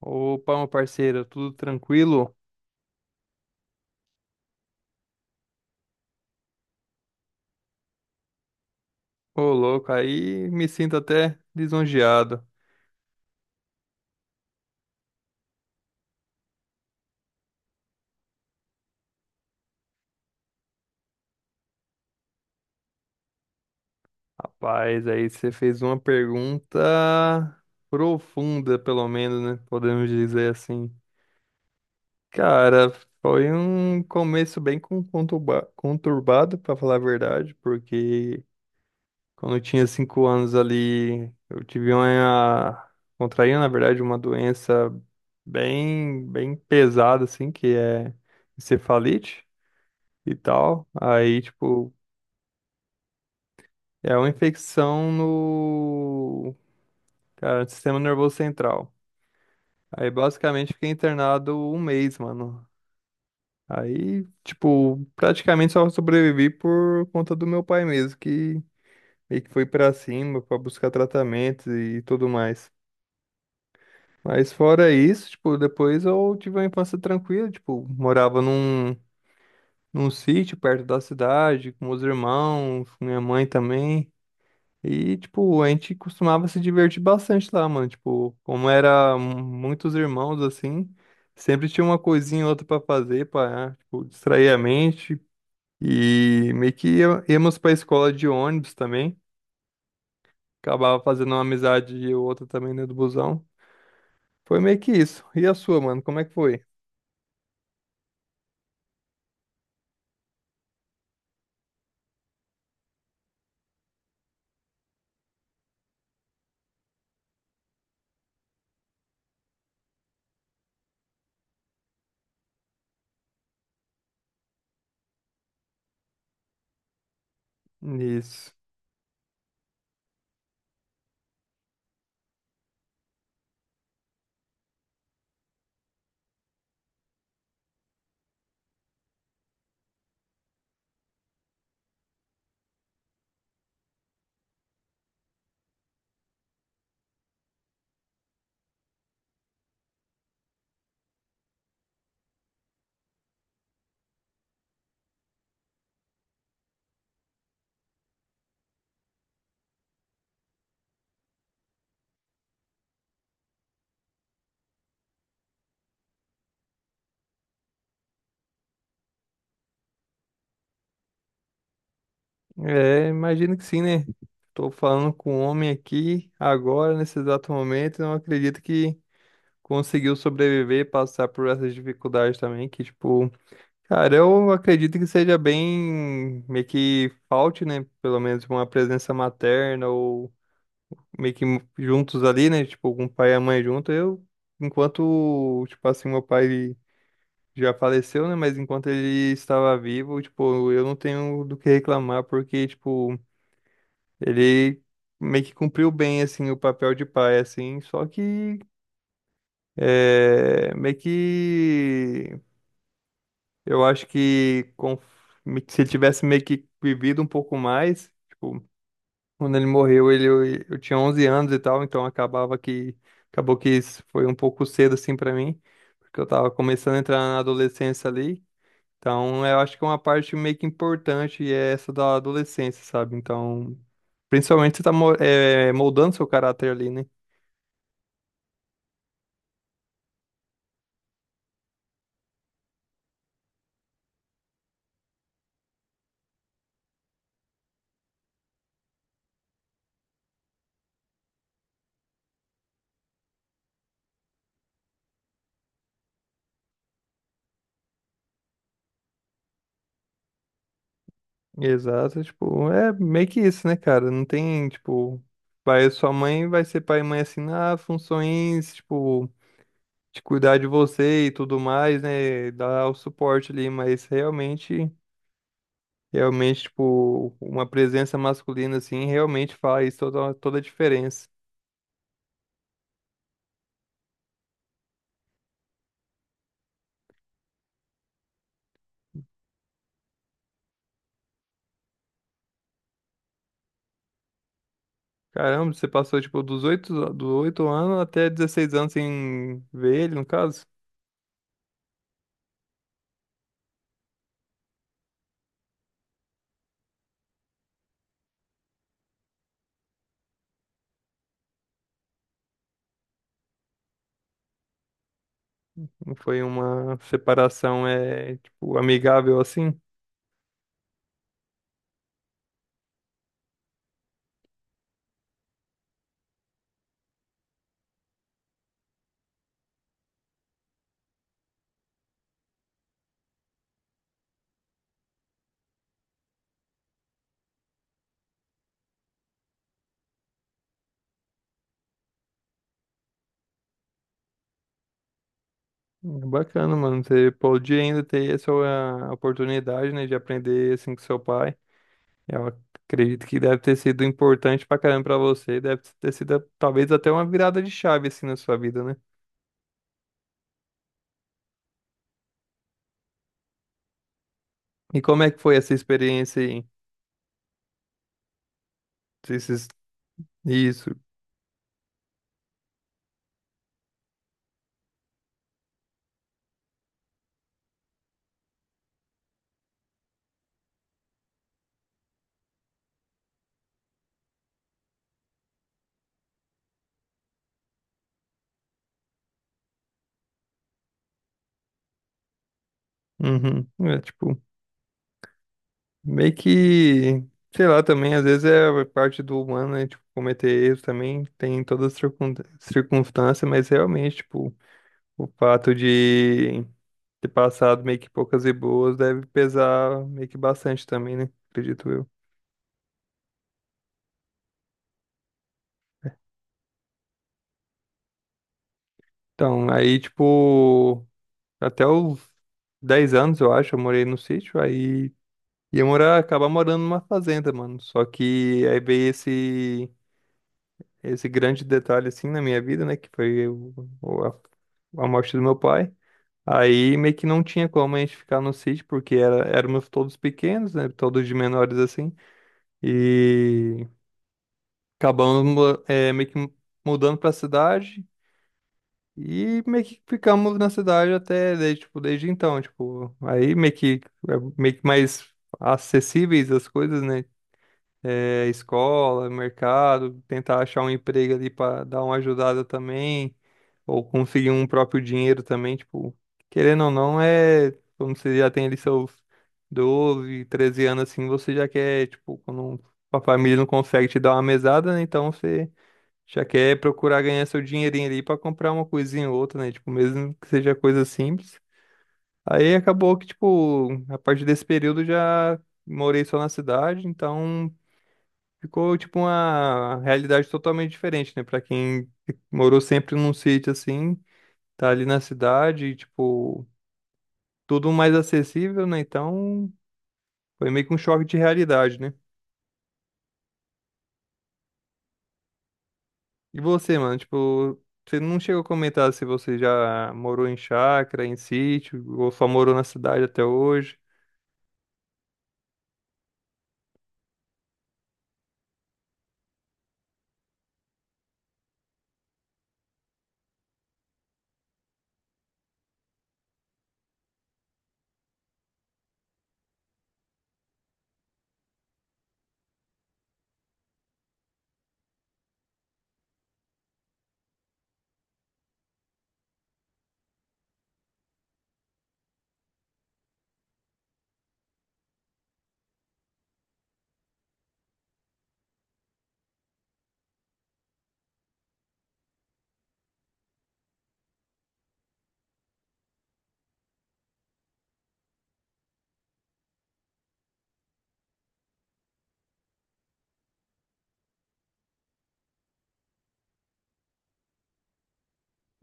Opa, meu parceiro, tudo tranquilo? Ô, louco, aí me sinto até lisonjeado. Rapaz, aí você fez uma pergunta profunda, pelo menos, né? Podemos dizer assim. Cara, foi um começo bem conturbado, pra falar a verdade, porque quando eu tinha 5 anos ali, eu tive uma, contraí, na verdade, uma doença bem, bem pesada, assim, que é encefalite e tal. Aí, tipo, é uma infecção no, cara, no sistema nervoso central. Aí, basicamente, fiquei internado um mês, mano. Aí, tipo, praticamente só sobrevivi por conta do meu pai mesmo, que meio que foi pra cima pra buscar tratamento e tudo mais. Mas fora isso, tipo, depois eu tive uma infância tranquila, tipo, morava num sítio perto da cidade, com meus irmãos, com minha mãe também. E, tipo, a gente costumava se divertir bastante lá, mano. Tipo, como era muitos irmãos, assim, sempre tinha uma coisinha ou outra pra fazer, pra, tipo, distrair a mente. E meio que íamos pra escola de ônibus também. Acabava fazendo uma amizade e outra também dentro do busão. Foi meio que isso. E a sua, mano? Como é que foi? Isso. É, imagino que sim, né? Tô falando com um homem aqui agora, nesse exato momento, e não acredito que conseguiu sobreviver e passar por essas dificuldades também, que, tipo, cara, eu acredito que seja bem, meio que falte, né, pelo menos uma presença materna ou meio que juntos ali, né, tipo, com o pai e a mãe junto, eu, enquanto, tipo assim, meu pai já faleceu, né, mas enquanto ele estava vivo, tipo, eu não tenho do que reclamar, porque, tipo, ele meio que cumpriu bem, assim, o papel de pai, assim, só que... É, meio que eu acho que se ele tivesse meio que vivido um pouco mais, tipo, quando ele morreu, ele, eu tinha 11 anos e tal, então acabava que acabou que isso foi um pouco cedo assim pra mim, porque eu tava começando a entrar na adolescência ali. Então, eu acho que uma parte meio que importante é essa da adolescência, sabe? Então, principalmente você tá moldando seu caráter ali, né? Exato, tipo, é meio que isso, né, cara? Não tem, tipo, vai, sua mãe vai ser pai e mãe assim, na funções, tipo, de cuidar de você e tudo mais, né? Dar o suporte ali, mas realmente, realmente, tipo, uma presença masculina assim, realmente faz toda, toda a diferença. Caramba, você passou, tipo, dos oito anos até 16 anos sem ver ele, no caso? Não foi uma separação, é, tipo, amigável assim? Bacana, mano. Você pode ainda ter essa ah, oportunidade, né, de aprender assim com seu pai. Eu acredito que deve ter sido importante pra caramba pra você. Deve ter sido talvez até uma virada de chave assim na sua vida, né? E como é que foi essa experiência aí? Esses... Isso. Uhum. É tipo, meio que, sei lá, também às vezes é parte do humano, né? Tipo, cometer erros também tem em todas as circunstâncias, mas realmente, tipo, o fato de ter passado meio que poucas e boas deve pesar meio que bastante também, né? Acredito eu. Então, aí, tipo, até os 10 anos, eu acho, eu morei no sítio, aí ia morar, acabar morando numa fazenda, mano. Só que aí veio esse, esse grande detalhe, assim, na minha vida, né? Que foi o- a, a morte do meu pai. Aí meio que não tinha como a gente ficar no sítio, porque era, éramos todos pequenos, né? Todos de menores, assim. E acabamos meio que mudando pra cidade e meio que ficamos na cidade até desde, tipo, desde então, tipo, aí meio que é meio que mais acessíveis as coisas, né? É, escola, mercado, tentar achar um emprego ali pra dar uma ajudada também, ou conseguir um próprio dinheiro também, tipo, querendo ou não, é, quando você já tem ali seus 12, 13 anos assim, você já quer, tipo, quando a família não consegue te dar uma mesada, né? Então você já quer procurar ganhar seu dinheirinho ali pra comprar uma coisinha ou outra, né? Tipo, mesmo que seja coisa simples. Aí acabou que, tipo, a partir desse período eu já morei só na cidade, então ficou, tipo, uma realidade totalmente diferente, né? Pra quem morou sempre num sítio assim, tá ali na cidade, tipo, tudo mais acessível, né? Então foi meio que um choque de realidade, né? E você, mano, tipo, você não chegou a comentar se você já morou em chácara, em sítio, ou só morou na cidade até hoje.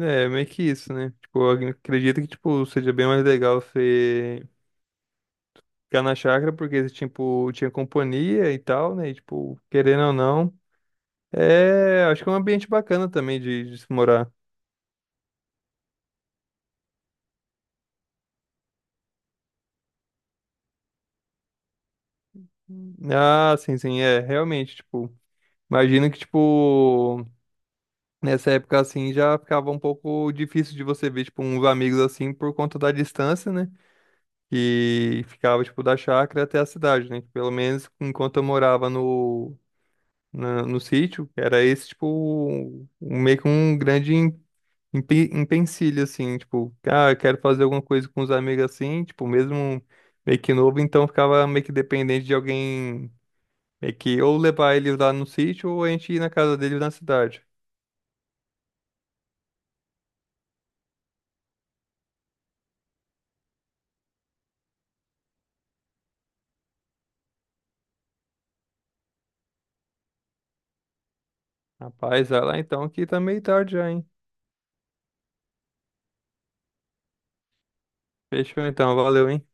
É, meio que isso, né? Tipo, eu acredito que, tipo, seja bem mais legal você ficar na chácara, porque, tipo, tinha companhia e tal, né? E, tipo, querendo ou não, é, acho que é um ambiente bacana também de se morar. Ah, sim, sim, é, realmente, tipo, imagino que, tipo, nessa época, assim, já ficava um pouco difícil de você ver, tipo, uns amigos, assim, por conta da distância, né? Que ficava, tipo, da chácara até a cidade, né? Pelo menos enquanto eu morava no sítio, era esse, tipo, um, meio que um grande empecilho, assim, tipo, ah, eu quero fazer alguma coisa com os amigos, assim, tipo, mesmo meio que novo, então ficava meio que dependente de alguém, meio que ou levar ele lá no sítio ou a gente ir na casa dele na cidade. Rapaz, vai lá então que tá meio tarde já, hein? Fechou então, valeu, hein?